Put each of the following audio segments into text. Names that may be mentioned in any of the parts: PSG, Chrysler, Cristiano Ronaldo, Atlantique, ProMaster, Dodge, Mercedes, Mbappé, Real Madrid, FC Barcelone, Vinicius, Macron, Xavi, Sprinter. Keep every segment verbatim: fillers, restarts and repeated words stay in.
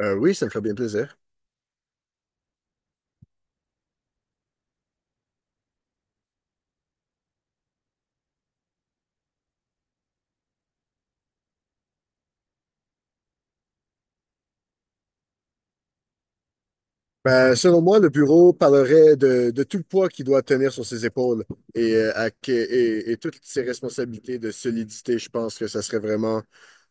Euh, oui, ça me ferait bien plaisir. Ben, selon moi, le bureau parlerait de, de tout le poids qu'il doit tenir sur ses épaules et, euh, à que- et, et toutes ses responsabilités de solidité. Je pense que ça serait vraiment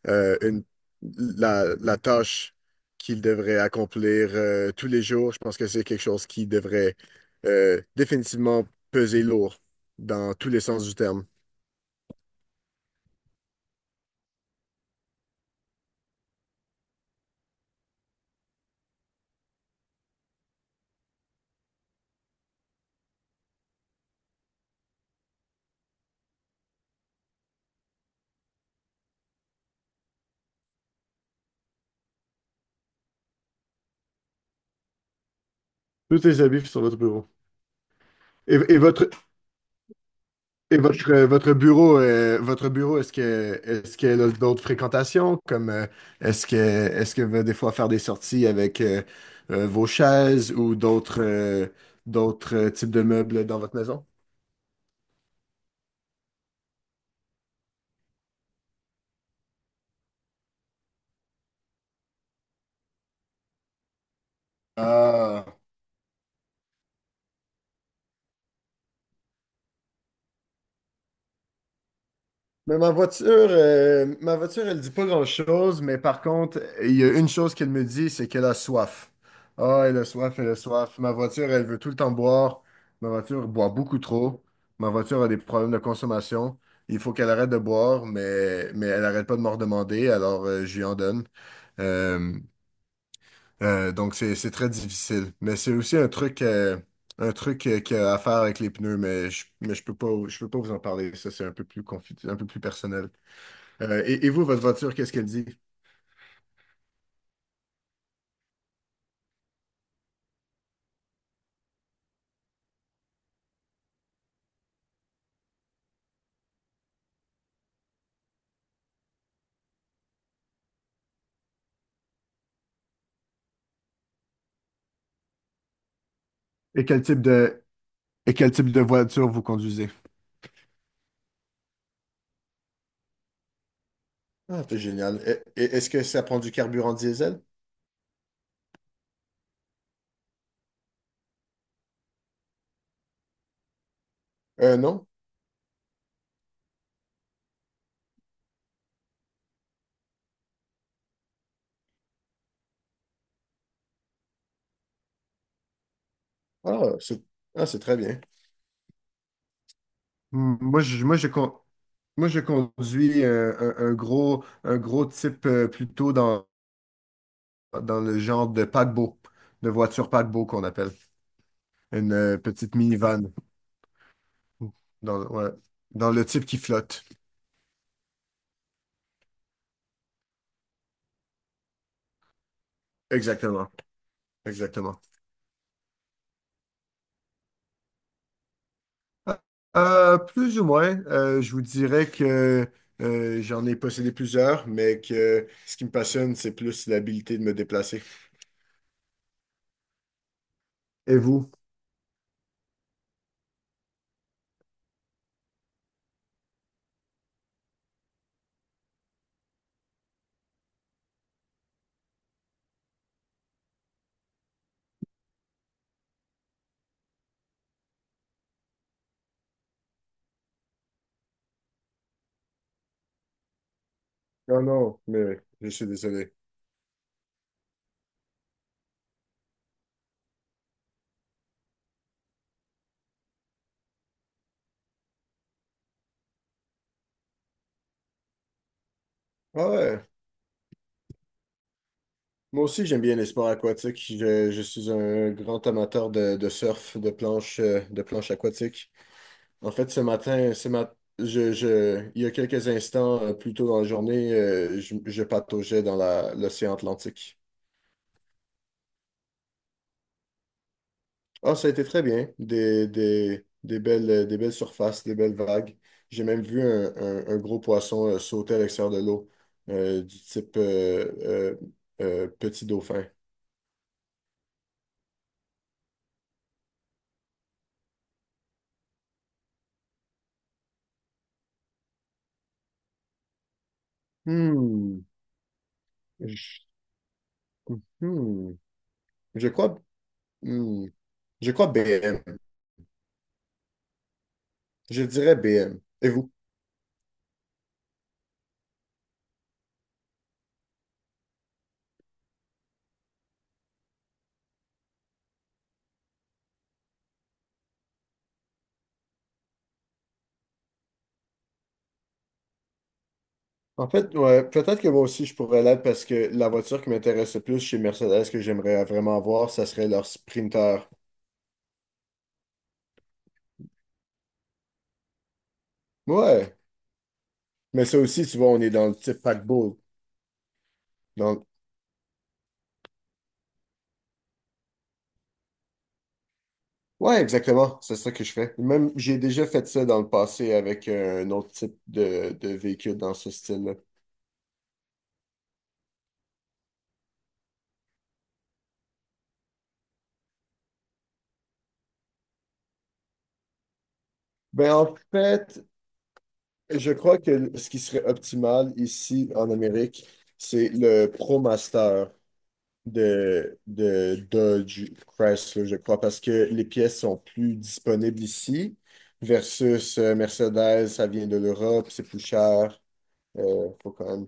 euh, une, la, la tâche qu'il devrait accomplir euh, tous les jours. Je pense que c'est quelque chose qui devrait euh, définitivement peser lourd dans tous les sens du terme. Tous tes habits sur votre bureau. Et, et votre, et votre, euh, votre bureau, euh, votre bureau, est-ce que, est-ce qu'elle a d'autres fréquentations, comme euh, est-ce que, est-ce que va des fois faire des sorties avec euh, euh, vos chaises ou d'autres, euh, d'autres euh, types de meubles dans votre maison? Ah. Mais ma voiture, euh, ma voiture, elle dit pas grand-chose, mais par contre, il y a une chose qu'elle me dit, c'est qu'elle a soif. Ah, elle a soif, elle a soif. Ma voiture, elle veut tout le temps boire. Ma voiture boit beaucoup trop. Ma voiture a des problèmes de consommation. Il faut qu'elle arrête de boire, mais, mais elle arrête pas de m'en demander, alors euh, je lui en donne. Euh, euh, donc, c'est, c'est très difficile. Mais c'est aussi un truc, euh, un truc euh, qu'il y a à faire avec les pneus, mais je, mais je peux pas, je peux pas vous en parler. Ça, c'est un peu plus confi- un peu plus personnel. Euh, et, et vous, votre voiture, qu'est-ce qu'elle dit? Et quel type de, et quel type de voiture vous conduisez? Ah, c'est génial. Et- et- Est-ce que ça prend du carburant diesel? Euh, non. Ah, c'est ah, c'est très bien. Hmm. Moi, je, moi, je, con- moi, je conduis euh, un, un gros, un gros type euh, plutôt dans, dans le genre de paquebot, de voiture paquebot qu'on appelle. Une euh, petite minivan. Dans, le- ouais. Dans le type qui flotte. Exactement. Exactement. Euh, plus ou moins. Euh, je vous dirais que euh, j'en ai possédé plusieurs, mais que ce qui me passionne, c'est plus l'habilité de me déplacer. Et vous? Non, non, mais je suis désolé. Ah ouais, moi aussi j'aime bien les sports aquatiques. Je, je suis un grand amateur de, de surf, de planche, euh, de planche aquatique. En fait, ce matin, ce mat je, je, il y a quelques instants, euh, plus tôt dans la journée, euh, je, je pataugeais dans la- l'océan Atlantique. Ah, ça a été très bien. Des, des, des belles, euh, des belles surfaces, des belles vagues. J'ai même vu un, un- un gros poisson euh, sauter à l'extérieur de l'eau, euh, du type euh, euh, euh, petit dauphin. Hmm. Je, hmm. Je crois, hmm. Je crois B M. Je dirais B M. Et vous? En fait, ouais, peut-être que moi aussi je pourrais l'être parce que la voiture qui m'intéresse le plus chez Mercedes que j'aimerais vraiment voir, ça serait leur Sprinter. Ouais, mais ça aussi, tu vois, on est dans le type paquebot. Dans... le- Ouais, exactement, c'est ça que je fais. Même, j'ai déjà fait ça dans le passé avec un autre type de, de véhicule dans ce style-là. Ben, en fait, je crois que ce qui serait optimal ici en Amérique, c'est le ProMaster. De, de Dodge Chrysler, je crois, parce que les pièces sont plus disponibles ici, versus euh, Mercedes, ça vient de l'Europe, c'est plus cher. Euh, faut quand même...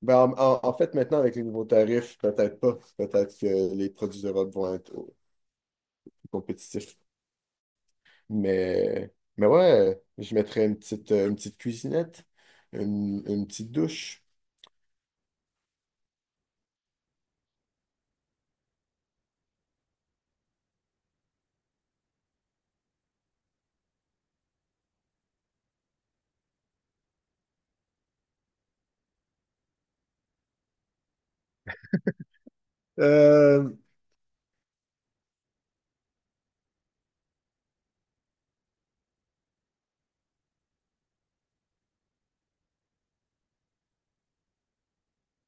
Ben, en, en- en fait, maintenant, avec les nouveaux tarifs, peut-être pas. Peut-être que les produits d'Europe vont être au- plus compétitifs. Mais, mais ouais, je mettrais une petite, euh, une petite cuisinette, une, une petite douche. Euh,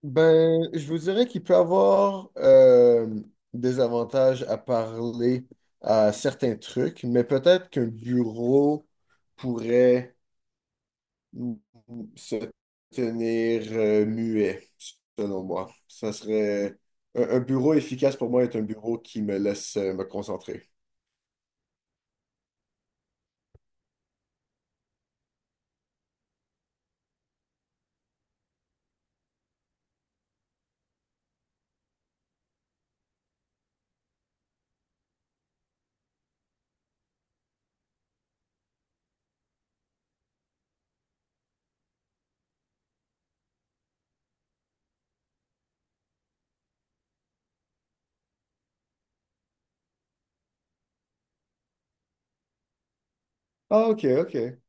Ben, je vous dirais qu'il peut avoir euh, des avantages à parler à certains trucs, mais peut-être qu'un bureau pourrait se tenir euh, muet, selon moi. Ça serait un, un bureau efficace pour moi est un bureau qui me laisse euh, me concentrer. Ah, ok, ok.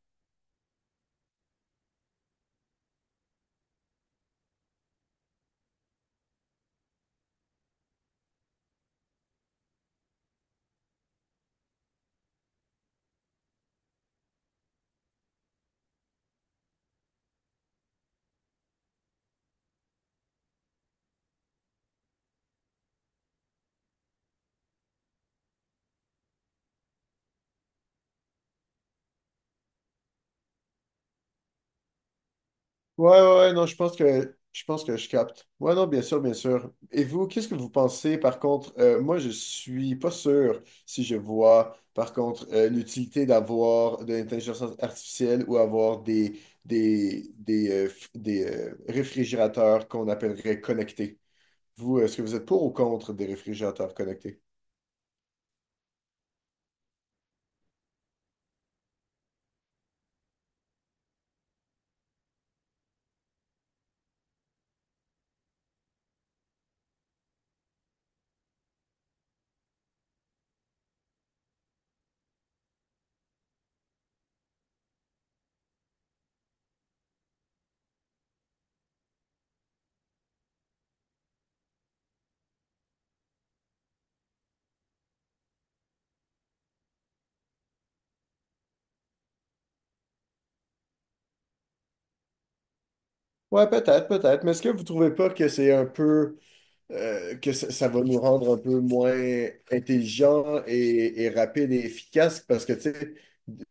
Ouais, ouais, ouais, non, je pense que je pense que je capte. Ouais, non, bien sûr, bien sûr. Et vous, qu'est-ce que vous pensez, par contre, euh, moi, je suis pas sûr si je vois, par contre, euh, l'utilité d'avoir de l'intelligence artificielle ou avoir des des des, euh, f- des euh, réfrigérateurs qu'on appellerait connectés. Vous, est-ce que vous êtes pour ou contre des réfrigérateurs connectés? Ouais, peut-être, peut-être. Mais est-ce que vous trouvez pas que c'est un peu euh, que ça, ça va nous rendre un peu moins intelligents et, et rapides et efficaces parce que, tu sais,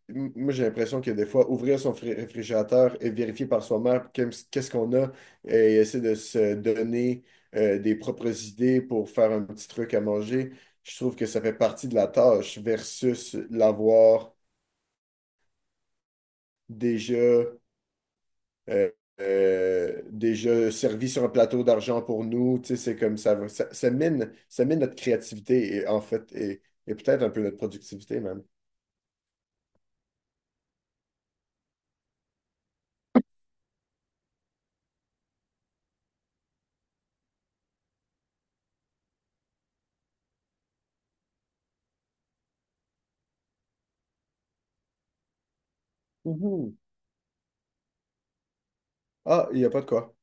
m- moi j'ai l'impression que des fois, ouvrir son fré- réfrigérateur et vérifier par soi-même qu'est- qu'est-ce qu'on a et essayer de se donner euh, des propres idées pour faire un petit truc à manger, je trouve que ça fait partie de la tâche versus l'avoir déjà. euh, euh, Déjà servi sur un plateau d'argent pour nous. Tu sais, c'est comme ça, va- ça, ça mine, ça mine notre créativité et en fait, et, et peut-être un peu notre productivité même. Mhm. Ah, il n'y a pas de quoi.